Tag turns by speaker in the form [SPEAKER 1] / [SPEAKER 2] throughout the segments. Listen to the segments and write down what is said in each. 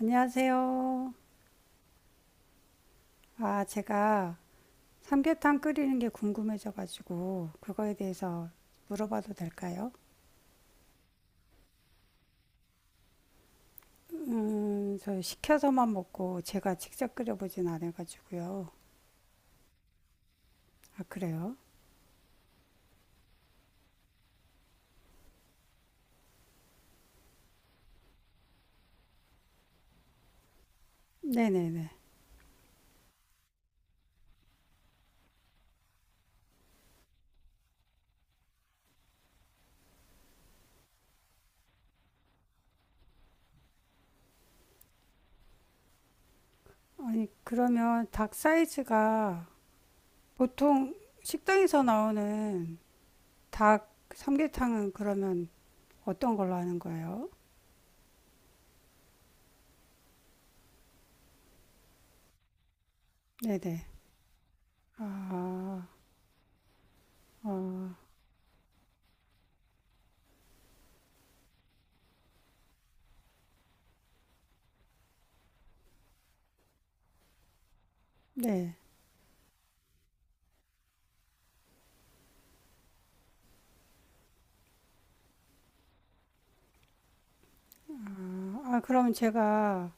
[SPEAKER 1] 안녕하세요. 아, 제가 삼계탕 끓이는 게 궁금해져가지고 그거에 대해서 물어봐도 될까요? 저 시켜서만 먹고 제가 직접 끓여보진 않아가지고요. 아, 그래요? 네네네. 아니, 그러면 닭 사이즈가 보통 식당에서 나오는 닭 삼계탕은 그러면 어떤 걸로 하는 거예요? 네네. 아, 어, 네. 아, 그럼 제가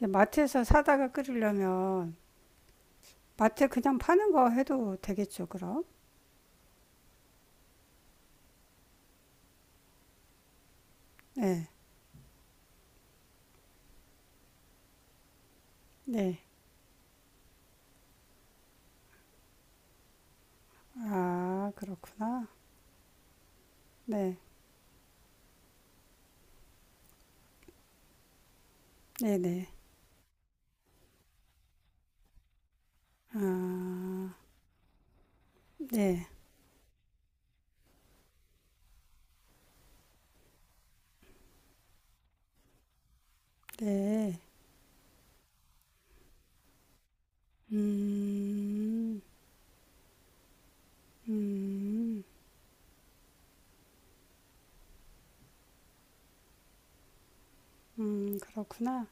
[SPEAKER 1] 마트에서 사다가 끓이려면 마트에 그냥 파는 거 해도 되겠죠, 그럼? 네, 네. 아, 그렇구나. 네, 네, 네. 아, 네, 네. 음, 음, 그렇구나.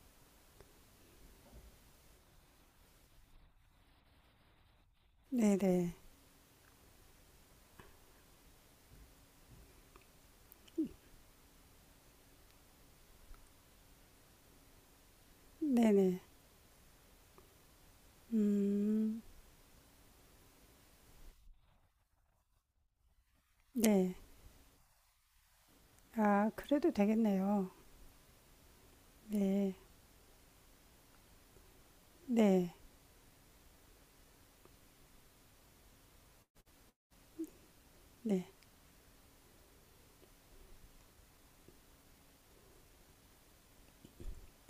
[SPEAKER 1] 네, 네, 네, 네. 음, 네. 아, 그래도 되겠네요. 네, 네, 네,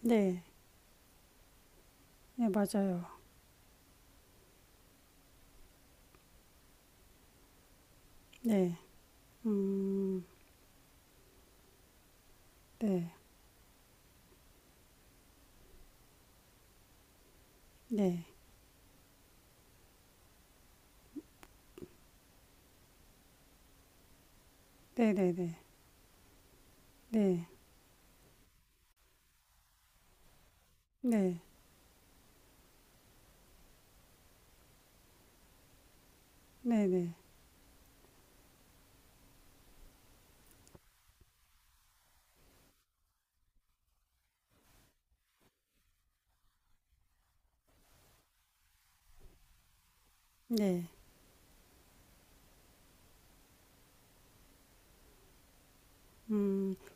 [SPEAKER 1] 네, 네, 맞아요. 네, 음, 네, 네, 네, 네, 네, 네. 네, 네, 네, 네.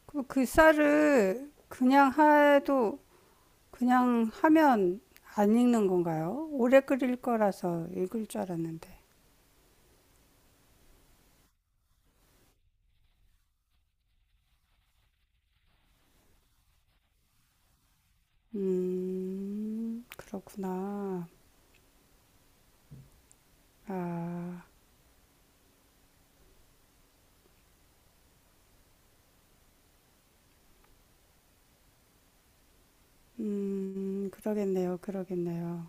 [SPEAKER 1] 그럼 그 쌀을 그냥 해도 그냥 하면 안 익는 건가요? 오래 끓일 거라서 익을 줄 알았는데. 그렇구나. 아, 그러겠네요, 그러겠네요.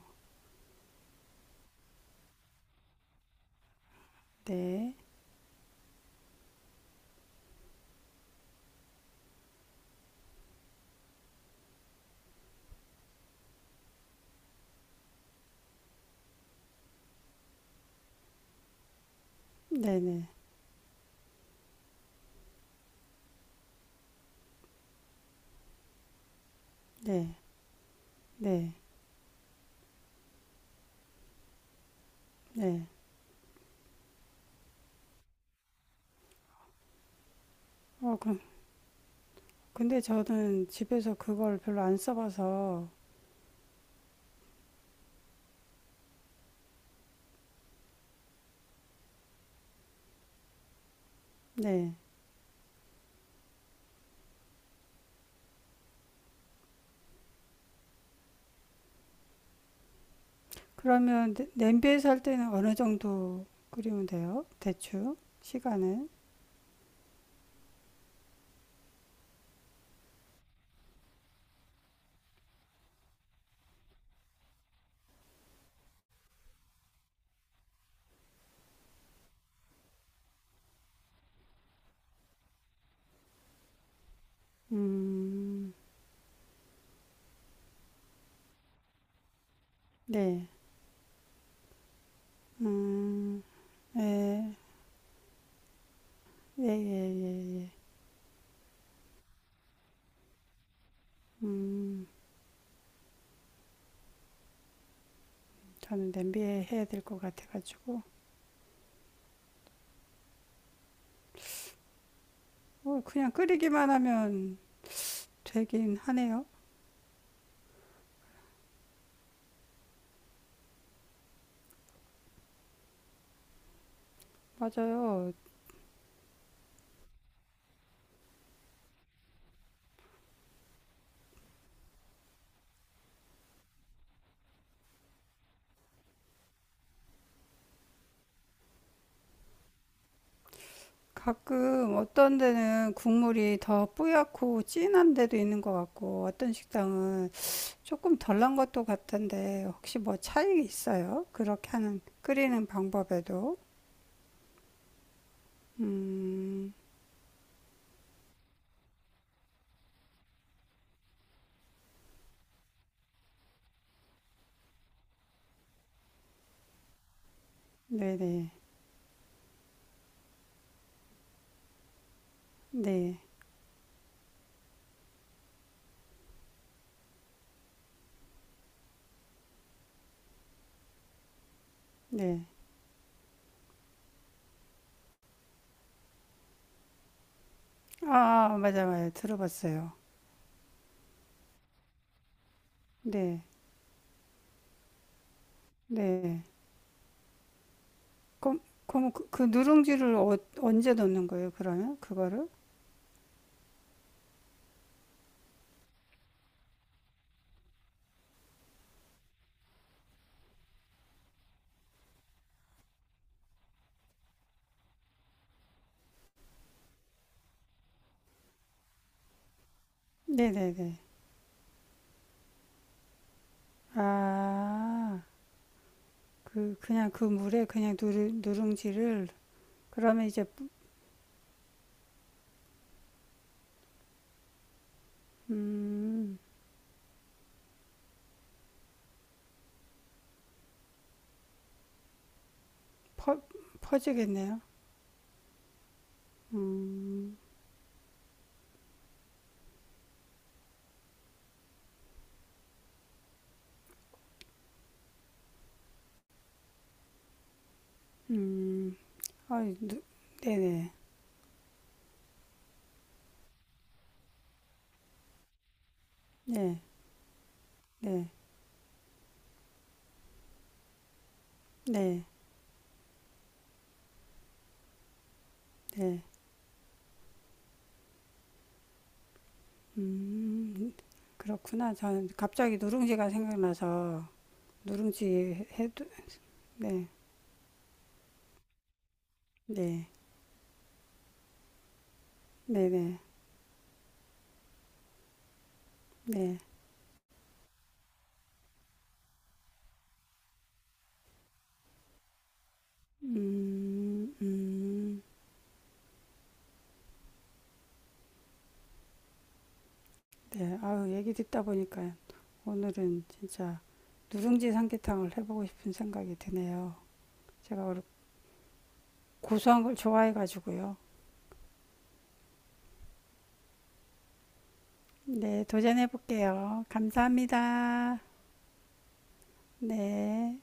[SPEAKER 1] 네, 네, 네, 네, 네, 네. 어, 그, 근데 저는 집에서 그걸 별로 안 써봐서, 네, 그러면 냄비에서 할 때는 어느 정도 끓이면 돼요? 대충 시간은? 음, 네, 음, 예, 예, 예, 예, 예. 음, 저는 냄비에 해야 될 것 같아가지고 어, 그냥 끓이기만 하면 되긴 하네요. 맞아요. 가끔 어떤 데는 국물이 더뿌얗고 진한 데도 있는 것 같고 어떤 식당은 조금 덜난 것도 같은데 혹시 뭐 차이 있어요? 그렇게 하는 끓이는 방법에도. 음, 네네, 네네아 맞아 맞아, 들어봤어요. 네네. 그럼 그럼 그, 그 누룽지를 어, 언제 넣는 거예요, 그러면 그거를? 네네네. 아, 그 그냥 그 물에 그냥 누룽지를. 그러면 이제 음, 퍼, 퍼지겠네요. 음, 음. 아이, 네네. 네, 네, 네, 네. 음, 그렇구나. 저는 갑자기 누룽지가 생각나서 누룽지 해도, 네, 네, 네 네, 네. 네. 음, 음, 네. 아유, 얘기 듣다 보니까 오늘은 진짜 누룽지 삼계탕을 해보고 싶은 생각이 드네요. 제가 원래 고소한 걸 좋아해가지고요. 네, 도전해볼게요. 감사합니다. 네.